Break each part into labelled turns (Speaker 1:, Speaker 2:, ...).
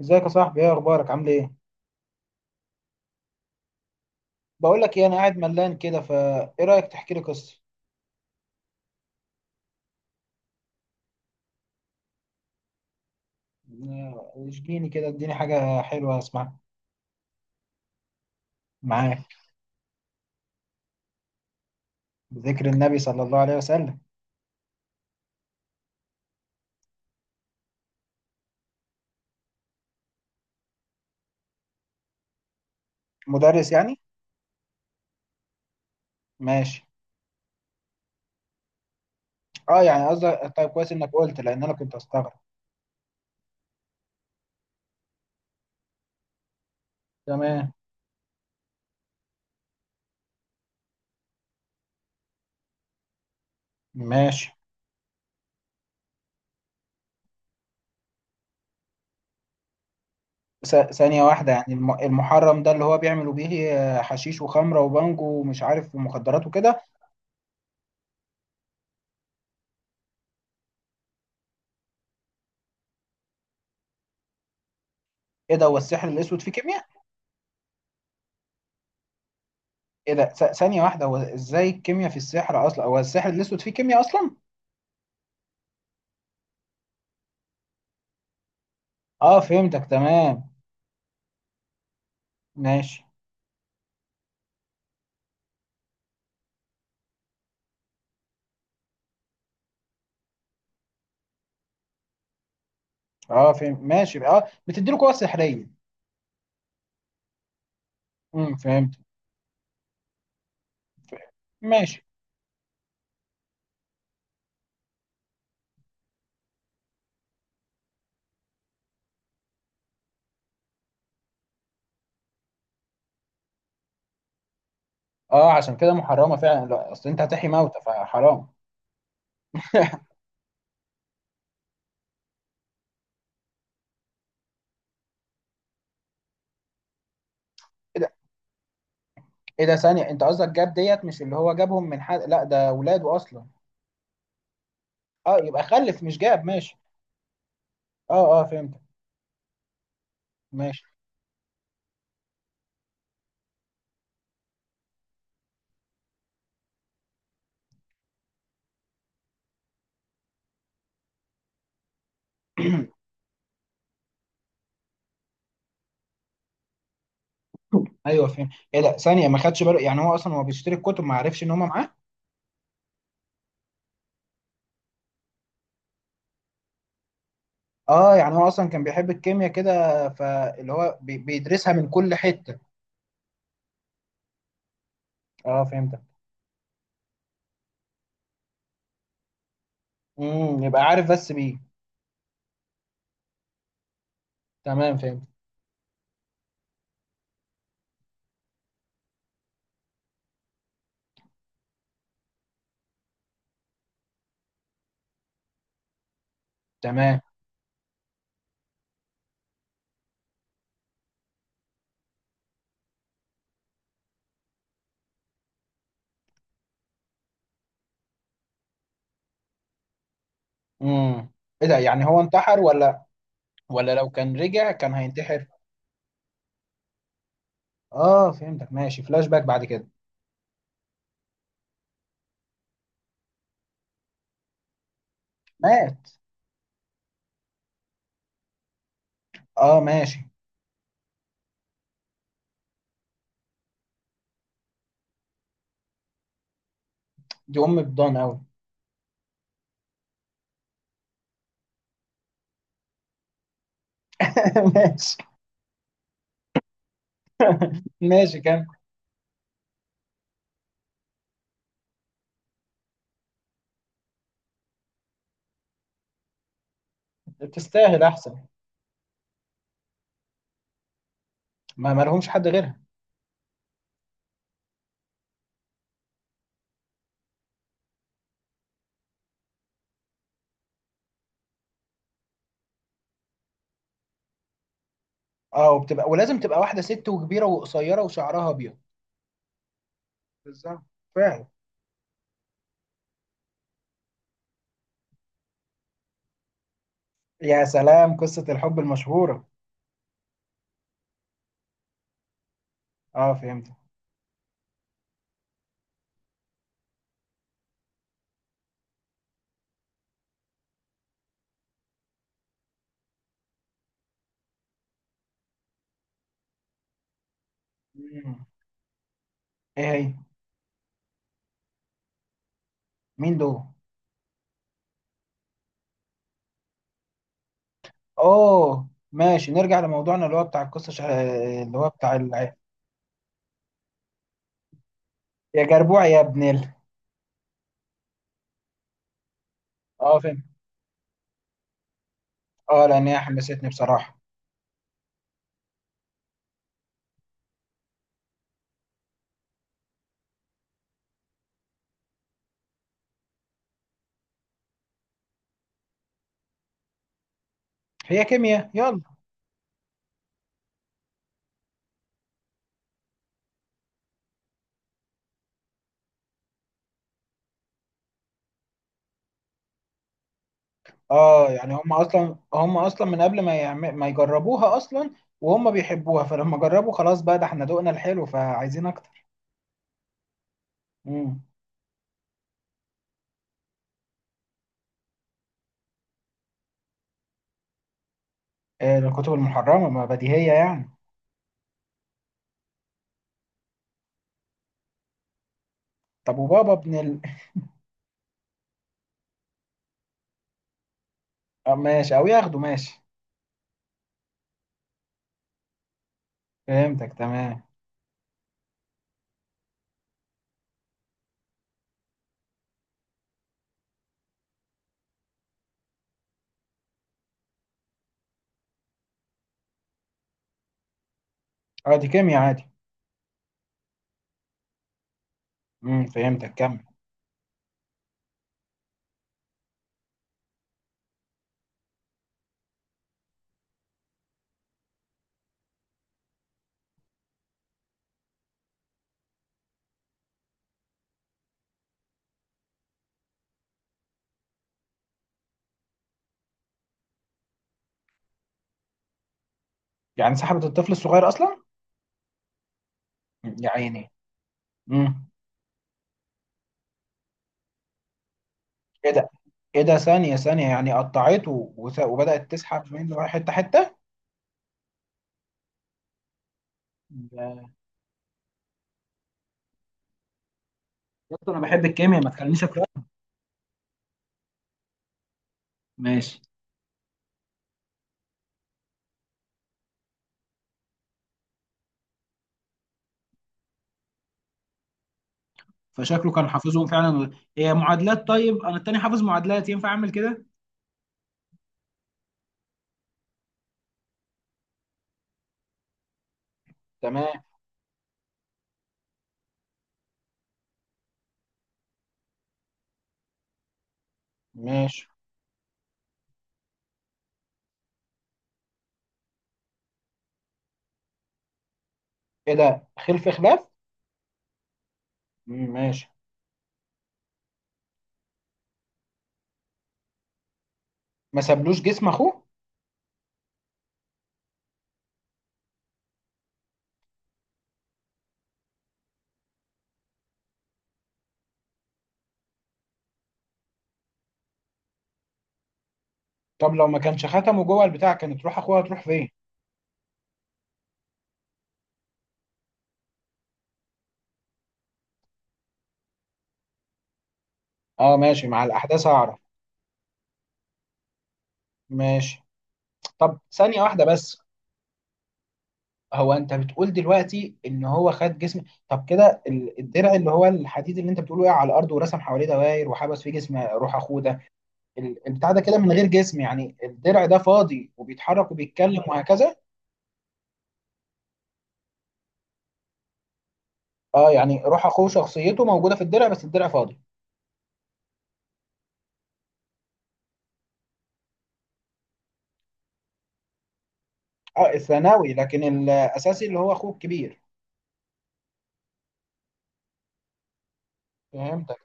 Speaker 1: ازيك يا صاحبي؟ ايه اخبارك؟ عامل ايه؟ بقول لك ايه، انا قاعد ملان كده، فايه رايك تحكي لي قصه؟ آه، اشجيني كده، اديني حاجه حلوه اسمعها. معاك. بذكر النبي صلى الله عليه وسلم. مدرس يعني. ماشي. اه يعني قصدك؟ طيب كويس انك قلت، لان انا كنت استغرب. تمام. ماشي. ثانيه واحده، يعني المحرم ده اللي هو بيعملوا بيه؟ آه، حشيش وخمره وبانجو ومش عارف ومخدرات وكده. ايه ده؟ هو السحر الاسود فيه كيمياء؟ ايه ده؟ ثانيه واحده، هو ازاي الكيمياء في السحر اصلا؟ هو السحر الاسود فيه كيمياء اصلا؟ اه فهمتك تمام. ماشي. اه فهم، ماشي. اه بتدي له قوة سحرية. فهمت. ف- ماشي. اه عشان كده محرمة فعلا، لا اصل انت هتحيي موتى فحرام. ايه ده؟ ايه ده؟ ثانية، انت قصدك جاب ديت مش اللي هو جابهم من حد؟ لا ده ولاده اصلا. اه يبقى خلف مش جاب. ماشي. اه اه فهمتك. ماشي. ايوه فهمت. ايه ده؟ ثانية، ما خدش باله؟ يعني هو اصلا هو بيشتري الكتب ما عرفش ان هما معاه؟ اه يعني هو اصلا كان بيحب الكيمياء كده، فاللي هو بيدرسها من كل حتة. اه فهمتك. يبقى عارف بس بيه. تمام فهمت. تمام. امم. ايه ده؟ يعني هو انتحر ولا؟ ولا لو كان رجع كان هينتحر؟ اه فهمتك، ماشي، فلاش باك بعد كده. مات. اه ماشي. دي ام بضان قوي. ماشي. ماشي كان. تستاهل احسن. ما لهمش حد غيرها. اه، وبتبقى ولازم تبقى واحده ست وكبيره وقصيره وشعرها ابيض. بالظبط. فعلا. يا سلام، قصه الحب المشهوره. اه فهمت. مم. ايه هي؟ مين دول؟ اوه ماشي، نرجع لموضوعنا اللي هو بتاع القصه، اللي هو بتاع يا جربوع يا ابن ال. اه فهمت. اه، لان هي حمستني بصراحه. هي كيمياء يلا. اه يعني هم اصلا من قبل ما ما يجربوها اصلا، وهم بيحبوها، فلما جربوا خلاص بقى، ده احنا ذوقنا الحلو فعايزين اكتر. امم. آه الكتب المحرمه، ما بديهيه يعني. طب وبابا ابن ال. آه ماشي او ياخده، ماشي. فهمتك تمام. اه دي كيمياء عادي. فهمتك، كمل. يعني سحبت الطفل الصغير اصلا؟ يا عيني. امم. ايه ده؟ ايه ده؟ ثانية ثانية، يعني قطعته وبدأت تسحب منه حتة حتة؟ ده- يا اسطى انا بحب الكيمياء، ما تخلينيش اكرهها. ماشي. فشكله كان حافظهم فعلا. هي معادلات؟ طيب انا التاني حافظ معادلات، ينفع اعمل كده؟ تمام. ماشي. ايه ده؟ خلف خلاف. مم، ماشي. ما سابلوش جسم اخوه. طب لو ما كانش ختمه جوه البتاع، كانت روح اخوها تروح فين؟ اه ماشي، مع الاحداث هعرف. ماشي. طب ثانية واحدة بس، هو انت بتقول دلوقتي ان هو خد جسم؟ طب كده، الدرع اللي هو الحديد اللي انت بتقوله وقع على الارض ورسم حواليه دوائر وحبس فيه جسم روح اخوه ده، البتاع ده كده من غير جسم؟ يعني الدرع ده فاضي وبيتحرك وبيتكلم وهكذا؟ اه يعني روح اخوه شخصيته موجوده في الدرع بس الدرع فاضي. اه الثانوي، لكن الاساسي اللي هو اخوه الكبير. فهمتك.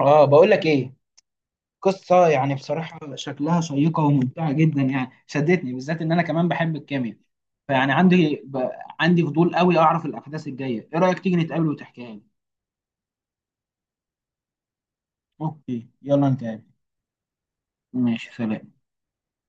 Speaker 1: اه بقول لك ايه، قصة يعني بصراحة شكلها شيقة وممتعة جدا، يعني شدتني بالذات إن أنا كمان بحب الكيمياء، فيعني عندي فضول قوي أعرف الأحداث الجاية، إيه رأيك تيجي نتقابل وتحكيها لي؟ أوكي، يلا نتقابل. ماشي سلام.